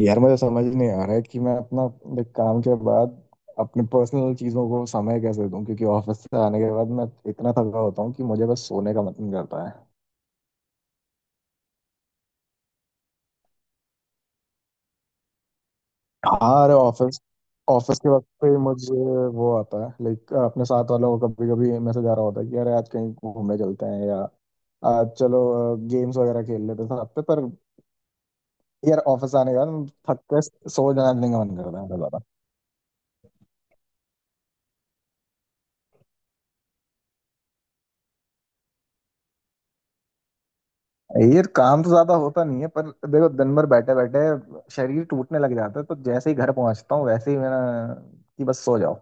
यार, मुझे समझ नहीं आ रहा है कि मैं अपना काम के बाद अपने पर्सनल चीजों को समय कैसे दूं, क्योंकि ऑफिस से आने के बाद मैं इतना थका होता हूँ कि मुझे बस सोने का मन करता है। हाँ, अरे ऑफिस ऑफिस के वक्त पे मुझे वो आता है अपने साथ वालों को कभी कभी मैसेज आ रहा होता है कि अरे, आज कहीं घूमने चलते हैं, या आज चलो गेम्स वगैरह खेल लेते हैं साथ पे। पर यार, ऑफिस आने के बाद थक के सो जाने का मन करता है। ये काम तो ज्यादा होता नहीं है, पर देखो, दिन भर बैठे बैठे शरीर टूटने लग जाता है, तो जैसे ही घर पहुंचता हूँ वैसे ही मेरा कि बस सो जाओ।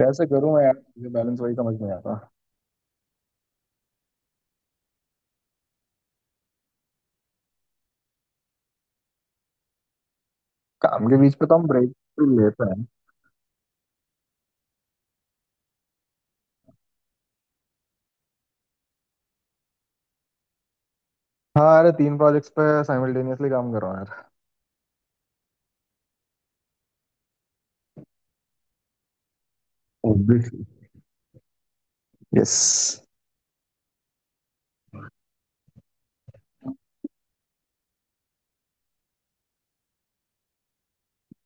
कैसे करूँ मैं यार, मुझे बैलेंस वही समझ नहीं आता। काम के बीच पे तो हम ब्रेक लेते हैं। हाँ, अरे तीन प्रोजेक्ट्स पे साइमल्टेनियसली काम कर रहा हूँ यार। ऑब्वियसली। यस।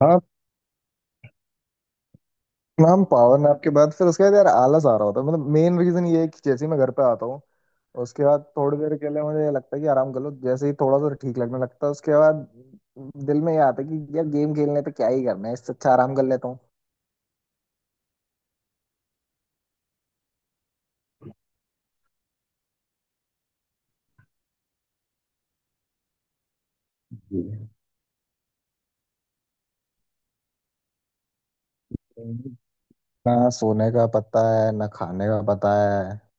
हाँ। हम पावर नैप के बाद, फिर उसके बाद यार आलस आ रहा होता है। मतलब मेन रीजन ये है कि जैसे ही मैं घर पे आता हूँ उसके बाद थोड़ी देर के लिए मुझे लगता है कि आराम कर लो, जैसे ही थोड़ा सा ठीक लगने लगता है उसके बाद दिल में ये आता है कि यार गेम खेलने पे क्या ही करना है, इससे अच्छा आराम कर लेता हूँ। जी। ना सोने का पता है, ना खाने का पता है।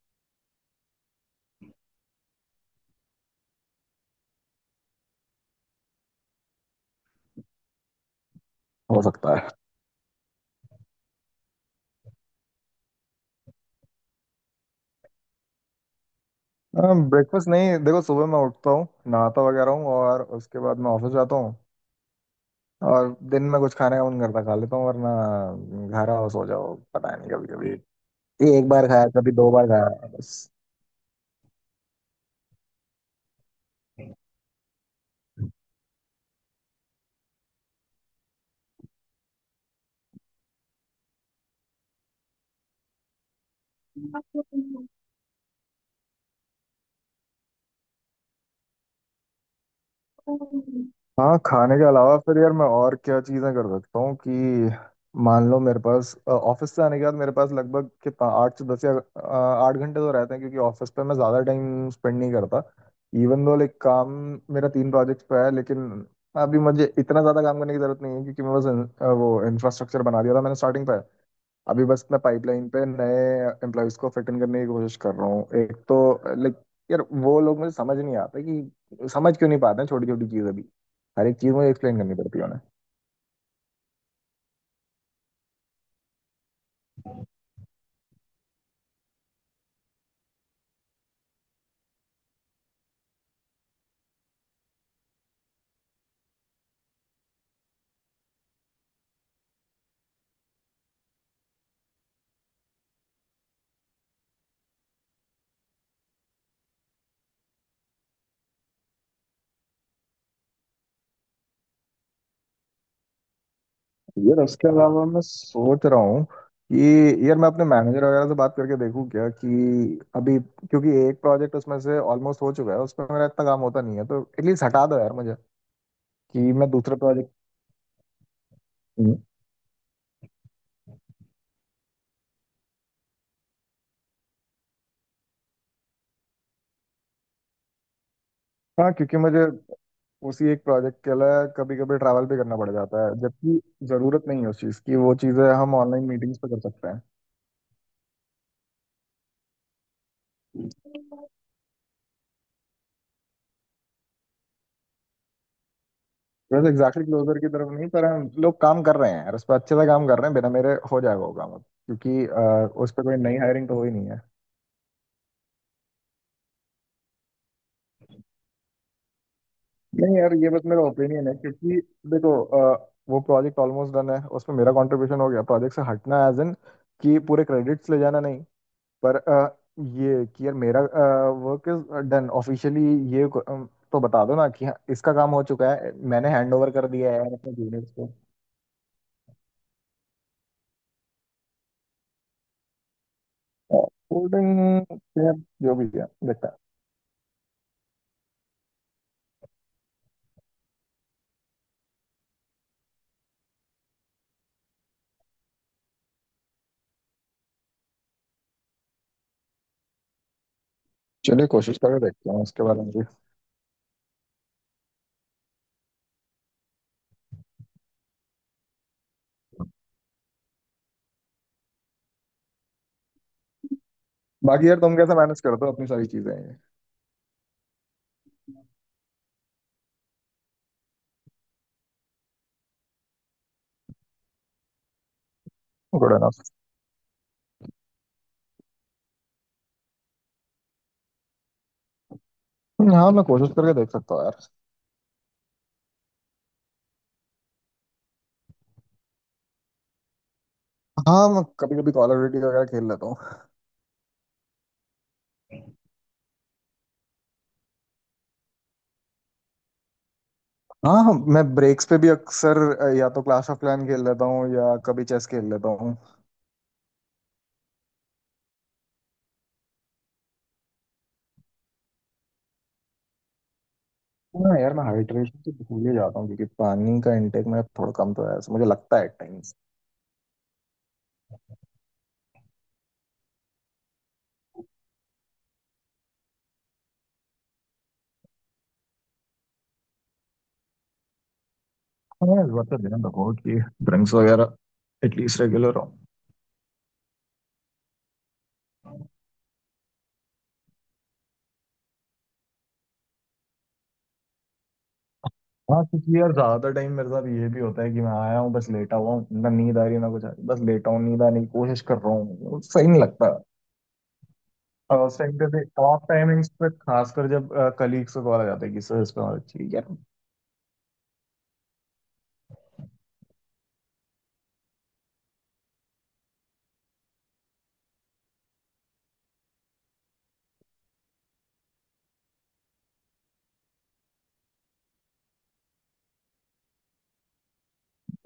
हो सकता है। ब्रेकफास्ट नहीं, देखो सुबह मैं उठता हूँ, नहाता वगैरह हूँ और उसके बाद मैं ऑफिस जाता हूँ। और दिन में कुछ खाने का मन करता खा लेता हूँ, वरना घर आओ सो जाओ। पता नहीं, कभी कभी एक बार खाया, कभी दो बार खाया, बस। हाँ, खाने के अलावा फिर यार मैं और क्या चीज़ें कर सकता हूँ कि मान लो मेरे पास ऑफिस से आने के बाद मेरे पास लगभग 8 से 10 या 8 घंटे तो रहते हैं, क्योंकि ऑफिस पे मैं ज़्यादा टाइम स्पेंड नहीं करता। इवन दो, काम मेरा तीन प्रोजेक्ट्स पे है, लेकिन अभी मुझे इतना ज़्यादा काम करने की ज़रूरत नहीं है, क्योंकि मैं बस वो इंफ्रास्ट्रक्चर बना दिया था मैंने स्टार्टिंग पे। अभी बस मैं पाइपलाइन पे नए एम्प्लॉयज को फिट इन करने की कोशिश कर रहा हूँ। एक तो लाइक यार, वो लोग मुझे समझ नहीं आता कि समझ क्यों नहीं पाते हैं छोटी छोटी चीज़ें भी। हर एक चीज़ मुझे एक्सप्लेन करनी पड़ती है उन्हें। यार, उसके अलावा मैं सोच रहा हूँ कि यार मैं अपने मैनेजर वगैरह से बात करके देखूँ क्या, कि अभी, क्योंकि एक प्रोजेक्ट उसमें से ऑलमोस्ट हो चुका है, उस पर मेरा इतना काम होता नहीं है, तो एटलीस्ट हटा दो यार मुझे कि मैं दूसरे प्रोजेक्ट। हाँ, क्योंकि मुझे उसी एक प्रोजेक्ट के लिए कभी कभी ट्रैवल भी करना पड़ जाता है, जबकि जरूरत नहीं है उस चीज़ की, वो चीज़ें हम ऑनलाइन मीटिंग्स पे कर सकते हैं। वैसे एग्जैक्टली क्लोजर की तरफ नहीं, पर हम लोग काम कर रहे हैं यार, उस पर अच्छे से काम कर रहे हैं, बिना मेरे हो जाएगा वो काम अब, क्योंकि उस पर कोई नई हायरिंग तो हो ही नहीं है। नहीं यार, ये बस मेरा ओपिनियन है। क्योंकि देखो, वो प्रोजेक्ट ऑलमोस्ट डन है, उसमें मेरा कंट्रीब्यूशन हो गया। प्रोजेक्ट से हटना, एज इन कि पूरे क्रेडिट्स ले जाना, नहीं। पर ये कि यार, मेरा वर्क इज डन ऑफिशियली। ये को- अ, तो बता दो ना कि हाँ, इसका काम हो चुका है, मैंने हैंड ओवर कर दिया है यार अपने जूनियर्स को। होल्डिंग जो भी है देखता है। चलिए, कोशिश करके देखते हैं उसके बारे में भी। बाकी यार, तुम कैसे मैनेज करते हो अपनी सारी चीजें? Good enough. हाँ, मैं कोशिश करके देख सकता हूँ यार। हाँ, मैं कभी कभी कॉल ऑफ ड्यूटी वगैरह खेल लेता हूँ। हाँ, हाँ, मैं ब्रेक्स पे भी अक्सर या तो क्लाश ऑफ क्लैन खेल लेता हूँ या कभी चेस खेल लेता हूँ। हाँ यार, मैं हाइड्रेशन तो भूल ही जाता हूँ, क्योंकि पानी का इनटेक मेरा थोड़ा कम तो है, ऐसा मुझे लगता है टाइम्स। हाँ, इस बात का ध्यान रखो कि ड्रिंक्स वगैरह एटलीस्ट रेगुलर हो। हाँ, क्योंकि यार ज्यादा टाइम मेरे साथ ये भी होता है कि मैं आया हूँ, बस लेटा हुआ हूँ, ना नींद आ रही है ना कुछ आ रही, बस लेटा हूँ, नींद आने की कोशिश कर रहा हूँ, सही नहीं लगता। और उस टाइम पे भी, ऑफ टाइमिंग्स पे खासकर, जब कलीग्स को कॉल आ जाता है कि सर, इस पे हमारा चाहिए यार।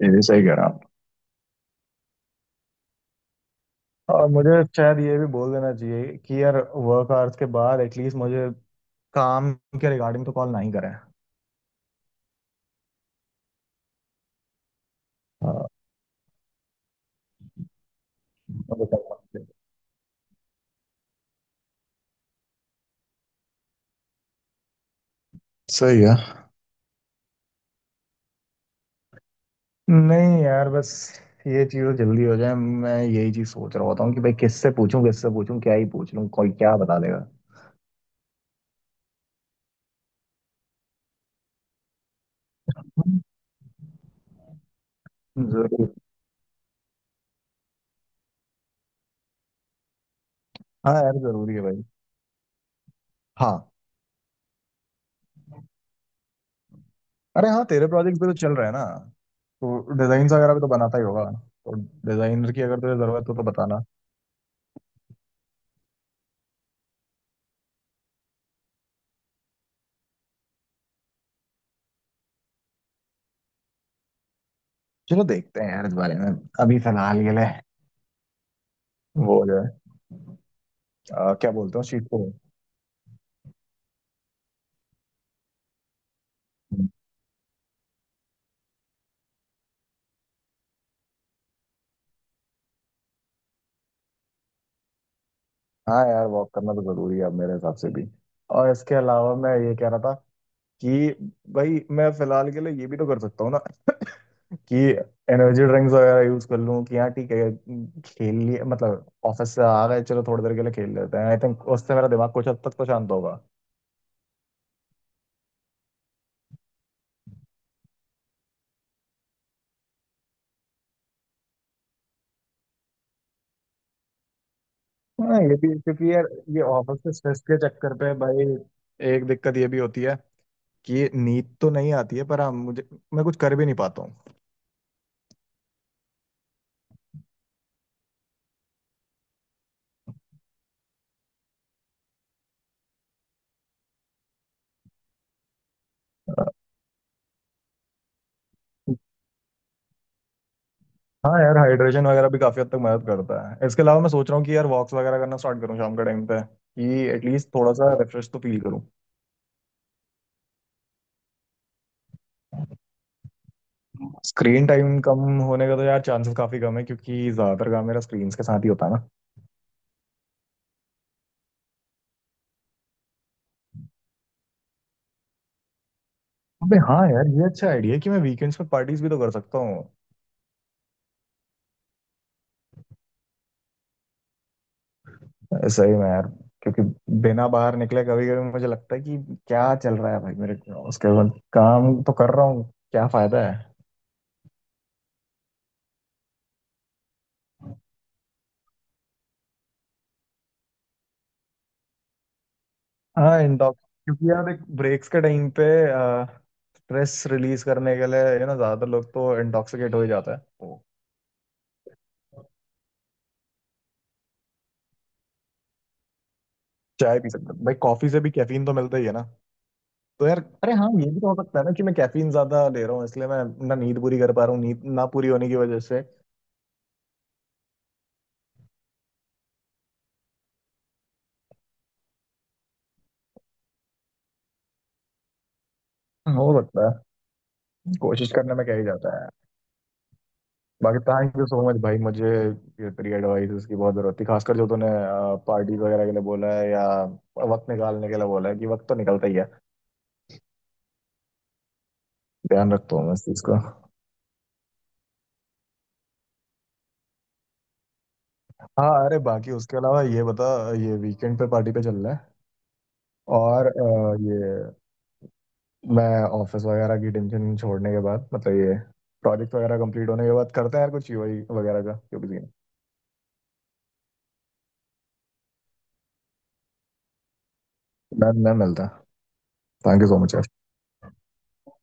ये भी सही कह रहा। और मुझे शायद ये भी बोल देना चाहिए कि यार, वर्क आवर्स के बाद एटलीस्ट मुझे काम के रिगार्डिंग तो कॉल नहीं करें। हाँ, मुझे करना चाहिए। सही है। नहीं यार, बस ये चीज़ जल्दी हो जाए, मैं यही चीज़ सोच रहा होता हूँ कि भाई किससे पूछूं, किससे पूछूं, क्या ही पूछ लूं, कोई क्या बता देगा। जरूर। हाँ यार, जरूरी है भाई। हाँ। अरे हाँ, तेरे प्रोजेक्ट भी तो चल रहे हैं ना। तो डिजाइन वगैरह भी तो बनाता ही होगा, तो डिजाइनर की अगर तुझे जरूरत हो तो बताना। चलो, देखते हैं यार इस बारे में। अभी फिलहाल के लिए वो हो जाए। क्या बोलते हो शीत को। हाँ यार, वॉक करना तो जरूरी है अब मेरे हिसाब से भी। और इसके अलावा मैं ये कह रहा था कि भाई, मैं फिलहाल के लिए ये भी तो कर सकता हूँ ना कि एनर्जी ड्रिंक्स वगैरह यूज कर लूँ, कि हाँ ठीक है, खेल लिए, मतलब ऑफिस से आ गए, चलो थोड़ी देर के लिए खेल लेते हैं, आई थिंक उससे मेरा दिमाग कुछ हद तक तो शांत होगा। हाँ, ये भी, क्योंकि यार, ये ऑफिस के स्ट्रेस के चक्कर पे भाई, एक दिक्कत ये भी होती है कि नींद तो नहीं आती है, पर हाँ, मुझे मैं कुछ कर भी नहीं पाता। हूँ। हाँ यार, हाइड्रेशन वगैरह भी काफी हद तक मदद करता है। इसके अलावा मैं सोच रहा हूँ कि यार, वॉक्स वगैरह करना स्टार्ट करूँ शाम के टाइम पे, कि एटलीस्ट थोड़ा सा रिफ्रेश तो फील करूँ। स्क्रीन टाइम कम होने का तो यार चांसेस काफी कम है, क्योंकि ज्यादातर काम मेरा स्क्रीन के साथ ही होता है ना। अबे हाँ यार, ये अच्छा आइडिया है कि मैं वीकेंड्स पे पार्टीज भी तो कर सकता हूँ। सही में यार, क्योंकि बिना बाहर निकले कभी कभी मुझे लगता है कि क्या चल रहा है भाई मेरे, उसके बाद काम तो कर रहा हूँ, क्या फायदा है। हाँ। इंटॉक्स क्योंकि यार देख, ब्रेक्स के टाइम पे स्ट्रेस रिलीज करने के लिए यू ना ज्यादातर लोग तो इंटॉक्सिकेट हो ही जाता है तो। चाय पी सकते हैं भाई, कॉफी से भी कैफीन तो मिलता ही है ना। तो यार, अरे हाँ, ये भी तो हो सकता है ना कि मैं कैफीन ज्यादा ले रहा हूँ, इसलिए मैं ना नींद पूरी कर पा रहा हूँ, नींद ना पूरी होने की वजह से। हो सकता है। कोशिश करने में क्या ही जाता है। बाकी, थैंक यू सो मच भाई, मुझे ये तेरी एडवाइस की बहुत जरूरत थी, खासकर जो तूने पार्टी वगैरह के लिए बोला है या वक्त निकालने के लिए बोला है कि वक्त तो निकलता ही है। ध्यान रखता हूँ मैं इस चीज का। हाँ, अरे बाकी उसके अलावा ये बता, ये वीकेंड पे पार्टी पे चल रहा है? और ये, मैं ऑफिस वगैरह की टेंशन छोड़ने के बाद, मतलब ये प्रोजेक्ट वगैरह कंप्लीट होने के बाद करते हैं यार कुछ यूआई वगैरह का क्यों भी। मैं मिलता। Thank you so much.